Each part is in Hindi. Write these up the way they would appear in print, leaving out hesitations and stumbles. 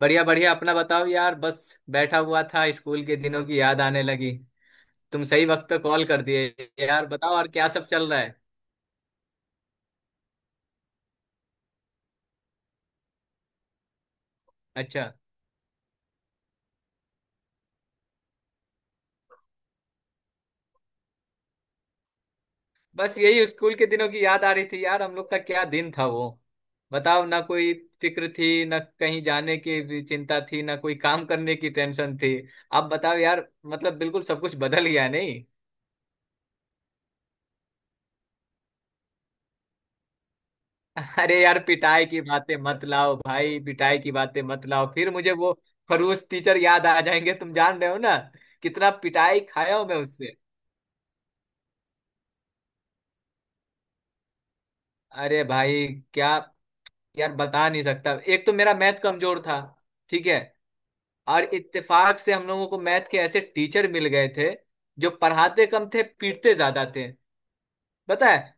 बढ़िया बढ़िया अपना बताओ यार। बस बैठा हुआ था, स्कूल के दिनों की याद आने लगी। तुम सही वक्त पे कॉल कर दिए यार, बताओ और क्या सब चल रहा है। अच्छा। बस यही स्कूल के दिनों की याद आ रही थी यार, हम लोग का क्या दिन था वो। बताओ, ना कोई फिक्र थी, ना कहीं जाने की भी चिंता थी, ना कोई काम करने की टेंशन थी। अब बताओ यार, मतलब बिल्कुल सब कुछ बदल गया नहीं। अरे यार पिटाई की बातें मत लाओ भाई, पिटाई की बातें मत लाओ, फिर मुझे वो खड़ूस टीचर याद आ जाएंगे। तुम जान रहे हो ना कितना पिटाई खाया हूं मैं उससे। अरे भाई। क्या। यार बता नहीं सकता, एक तो मेरा मैथ कमजोर था। ठीक है। और इत्तेफाक से हम लोगों को मैथ के ऐसे टीचर मिल गए थे जो पढ़ाते कम थे पीटते ज्यादा थे। पता है,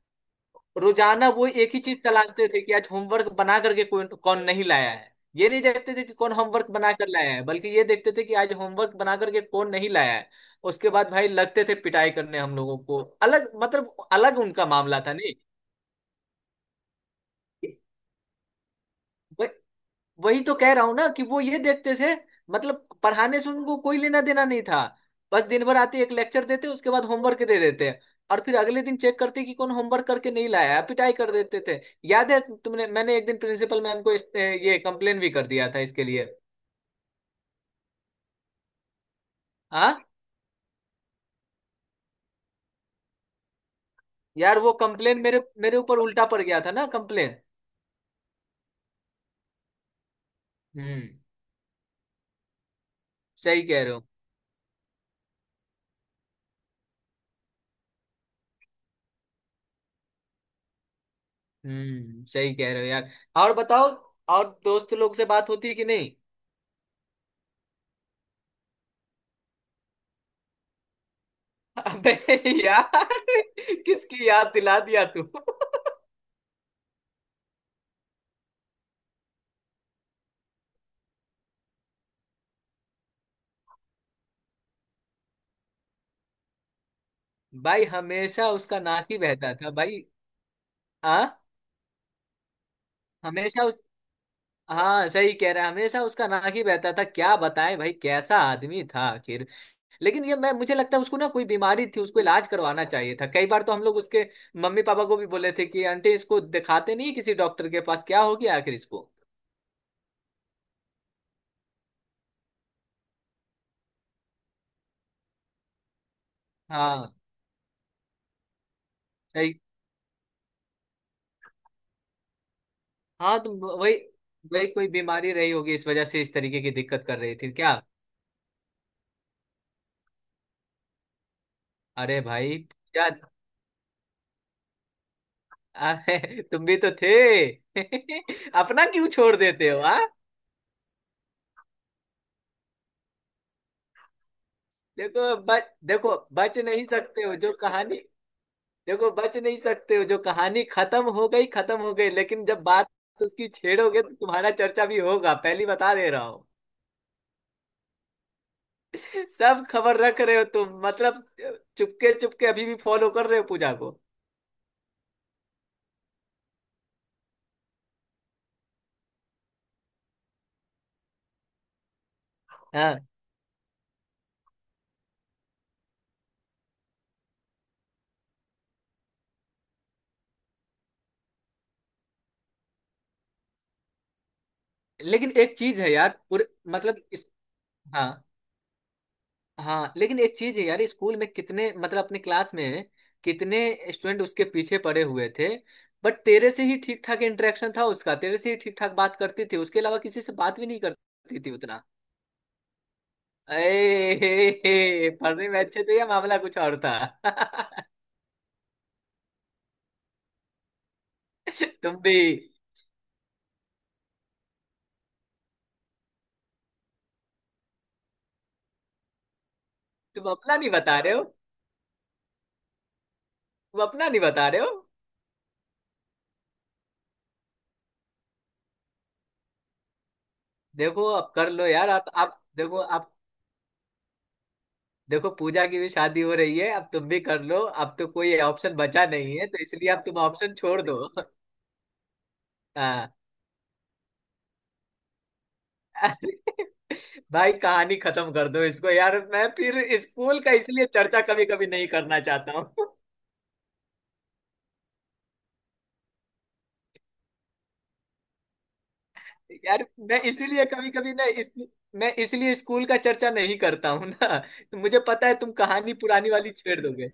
रोजाना वो एक ही चीज तलाशते थे कि आज होमवर्क बना करके कौन कौन नहीं लाया है। ये नहीं देखते थे कि कौन होमवर्क बना कर लाया है, बल्कि ये देखते थे कि आज होमवर्क बना करके कौन नहीं लाया है। उसके बाद भाई लगते थे पिटाई करने, हम लोगों को अलग, मतलब अलग उनका मामला था। नहीं, वही तो कह रहा हूं ना कि वो ये देखते थे। मतलब पढ़ाने से उनको कोई लेना देना नहीं था। बस दिन भर आते, एक लेक्चर देते, उसके बाद होमवर्क दे देते। और फिर अगले दिन चेक करते कि कौन होमवर्क करके नहीं लाया है, पिटाई कर देते थे। याद है, तुमने मैंने एक दिन प्रिंसिपल मैम को ये कंप्लेन भी कर दिया था इसके लिए। हाँ यार, वो कंप्लेन मेरे मेरे ऊपर उल्टा पड़ गया था ना, कंप्लेन। हम्म, सही कह रहे हो। हम्म, सही कह रहे हो यार। और बताओ, और दोस्त लोग से बात होती है कि नहीं। अबे यार, किसकी याद दिला दिया तू। भाई हमेशा उसका नाक ही बहता था भाई। हाँ। हमेशा उस हाँ, सही कह रहा है, हमेशा उसका नाक ही बहता था। क्या बताएं भाई, कैसा आदमी था आखिर। लेकिन ये मैं, मुझे लगता है उसको ना कोई बीमारी थी, उसको इलाज करवाना चाहिए था। कई बार तो हम लोग उसके मम्मी पापा को भी बोले थे कि आंटी इसको दिखाते नहीं किसी डॉक्टर के पास, क्या हो गया आखिर इसको। हाँ। सही। हाँ, तो वही। वही कोई बीमारी रही होगी इस वजह से, इस तरीके की दिक्कत कर रही थी क्या। अरे भाई। क्या। अरे, तुम भी तो थे। अपना क्यों छोड़ देते हो, हाँ। देखो बच नहीं सकते हो जो कहानी। देखो बच नहीं सकते हो, जो कहानी खत्म हो गई खत्म हो गई, लेकिन जब बात उसकी छेड़ोगे तो तुम्हारा चर्चा भी होगा, पहली बता दे रहा हूँ। सब खबर रख रहे हो तुम, मतलब। चुपके चुपके अभी भी फॉलो कर रहे हो पूजा को। हाँ। लेकिन एक चीज है यार पूरे, मतलब इस। हाँ। हाँ, लेकिन एक चीज है यार, स्कूल में कितने, मतलब अपने क्लास में कितने स्टूडेंट उसके पीछे पड़े हुए थे। बट तेरे से ही ठीक ठाक इंटरेक्शन था उसका, तेरे से ही ठीक ठाक बात करती थी, उसके अलावा किसी से बात भी नहीं करती थी उतना। ए, हे, हे, पढ़ने में अच्छे थे या मामला कुछ और था। तुम भी। तुम अपना नहीं बता रहे हो। तुम अपना नहीं बता रहे हो। देखो अब कर लो यार। आप देखो आप। देखो पूजा की भी शादी हो रही है, अब तुम भी कर लो। अब तो कोई ऑप्शन बचा नहीं है, तो इसलिए अब तुम ऑप्शन छोड़ दो। हाँ। भाई कहानी खत्म कर दो इसको यार, मैं फिर स्कूल का इसलिए चर्चा कभी कभी नहीं करना चाहता हूँ। यार मैं इसीलिए कभी कभी ना मैं इसलिए स्कूल का चर्चा नहीं करता हूँ ना, तो मुझे पता है तुम कहानी पुरानी वाली छेड़ दोगे।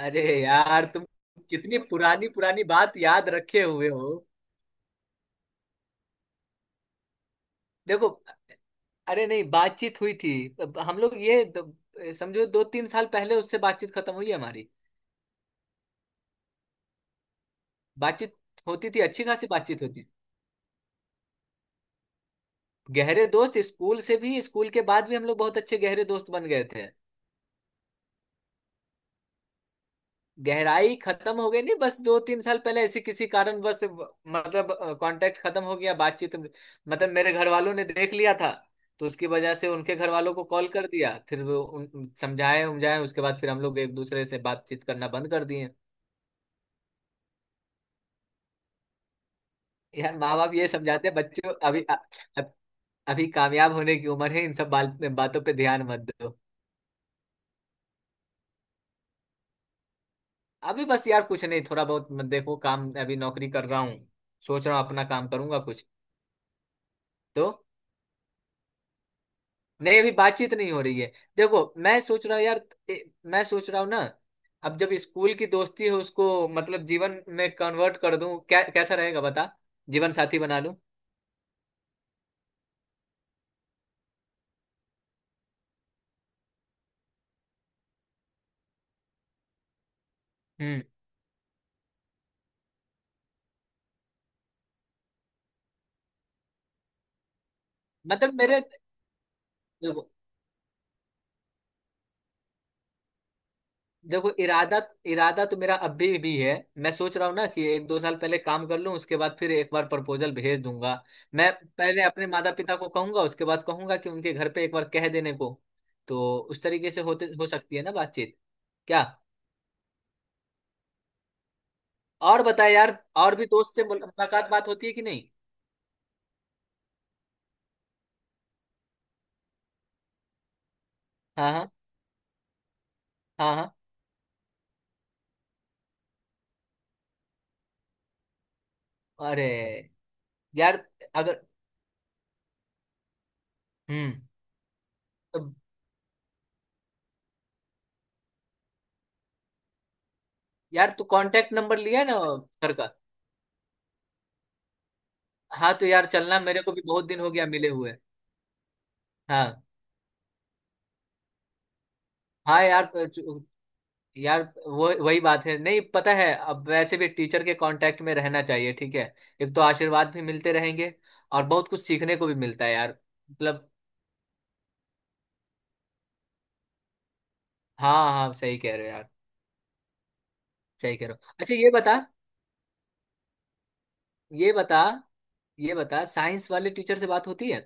अरे यार तुम कितनी पुरानी पुरानी बात याद रखे हुए हो। देखो। अरे नहीं बातचीत हुई थी। अब हम लोग ये समझो दो तीन साल पहले उससे बातचीत खत्म हुई है हमारी। बातचीत होती थी, अच्छी खासी बातचीत होती थी। गहरे दोस्त स्कूल से भी, स्कूल के बाद भी हम लोग बहुत अच्छे गहरे दोस्त बन गए थे। गहराई खत्म हो गई नहीं, बस दो तीन साल पहले ऐसे किसी कारणवश मतलब कांटेक्ट खत्म हो गया। बातचीत मतलब मेरे घर वालों ने देख लिया था। तो उसकी वजह से उनके घर वालों को कॉल कर दिया, फिर वो समझाए उमझाए, उसके बाद फिर हम लोग एक दूसरे से बातचीत करना बंद कर दिए। यार माँ बाप ये समझाते हैं, बच्चों अभी अ- अभी कामयाब होने की उम्र है, इन सब बातों पे ध्यान मत दो। अभी बस यार कुछ नहीं, थोड़ा बहुत मत देखो काम, अभी नौकरी कर रहा हूँ, सोच रहा हूँ अपना काम करूंगा कुछ। तो नहीं अभी बातचीत नहीं हो रही है। देखो मैं सोच रहा हूँ यार। ए, मैं सोच रहा हूँ ना, अब जब स्कूल की दोस्ती है उसको मतलब जीवन में कन्वर्ट कर दूं, क्या कैसा रहेगा बता। जीवन साथी बना लूं। हम्म। मतलब मेरे, देखो इरादा, इरादा तो मेरा अभी भी है। मैं सोच रहा हूँ ना कि एक दो साल पहले काम कर लूँ, उसके बाद फिर एक बार प्रपोजल भेज दूंगा। मैं पहले अपने माता पिता को कहूंगा, उसके बाद कहूंगा कि उनके घर पे एक बार कह देने को। तो उस तरीके से होते, हो सकती है ना बातचीत। क्या। और बता यार, और भी दोस्त से मुलाकात बात होती है कि नहीं। हाँ हाँ हाँ। हाँ। अरे यार। अगर। हम्म। तो यार तू कांटेक्ट नंबर लिया ना, सर का। हाँ। तो यार चलना, मेरे को भी बहुत दिन हो गया मिले हुए। हाँ हाँ। यार। यार वो वही बात है, नहीं पता है अब वैसे भी टीचर के कांटेक्ट में रहना चाहिए। ठीक है, एक तो आशीर्वाद भी मिलते रहेंगे और बहुत कुछ सीखने को भी मिलता है यार। मतलब। हाँ हाँ सही कह रहे हो यार। सही कह रहे हो। अच्छा ये बता, ये बता। ये बता साइंस वाले टीचर से बात होती है।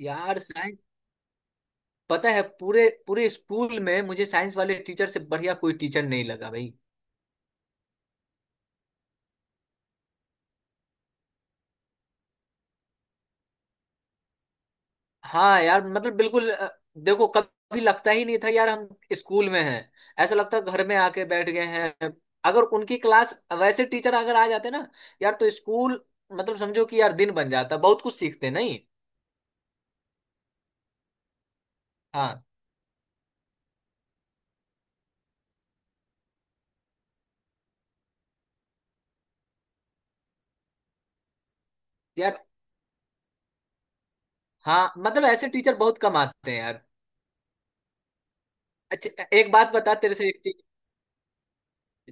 यार साइंस। पता है पूरे पूरे स्कूल में मुझे साइंस वाले टीचर से बढ़िया कोई टीचर नहीं लगा भाई। हाँ यार, मतलब बिल्कुल देखो कभी लगता ही नहीं था यार हम स्कूल में हैं, ऐसा लगता घर में आके बैठ गए हैं। अगर उनकी क्लास, वैसे टीचर अगर आ जाते ना यार, तो स्कूल मतलब समझो कि यार दिन बन जाता, बहुत कुछ सीखते नहीं। हाँ यार। हाँ, मतलब ऐसे टीचर बहुत कम आते हैं यार। अच्छा एक बात बता तेरे से एक चीज।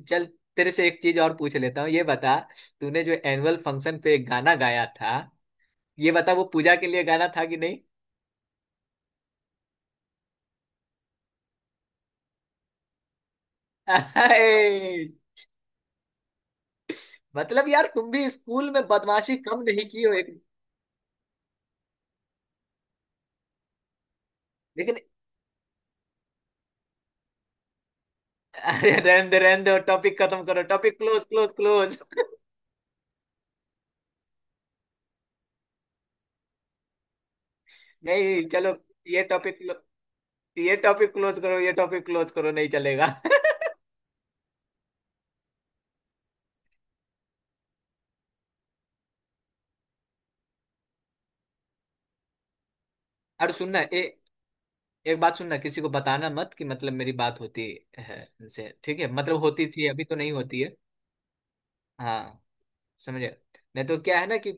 चल तेरे से एक चीज और पूछ लेता हूँ, ये बता। तूने जो एनुअल फंक्शन पे एक गाना गाया था, ये बता वो पूजा के लिए गाना था कि नहीं। अरे मतलब यार, तुम भी स्कूल में बदमाशी कम नहीं की हो। एक। लेकिन। अरे रहने दो रहने दो, टॉपिक खत्म करो, टॉपिक क्लोज क्लोज क्लोज। नहीं चलो, ये टॉपिक ये टॉपिक क्लोज करो, ये टॉपिक क्लोज करो, नहीं चलेगा। और सुनना एक बात सुनना किसी को बताना मत कि मतलब मेरी बात होती है इनसे। ठीक है, मतलब होती थी, अभी तो नहीं होती है। हाँ। समझे। नहीं तो क्या है ना कि।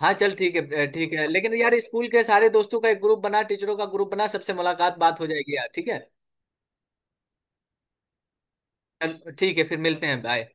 हाँ चल ठीक है ठीक है, लेकिन यार स्कूल के सारे दोस्तों का एक ग्रुप बना, टीचरों का ग्रुप बना, सबसे मुलाकात बात हो जाएगी यार, ठीक है। चल ठीक है फिर मिलते हैं, बाय।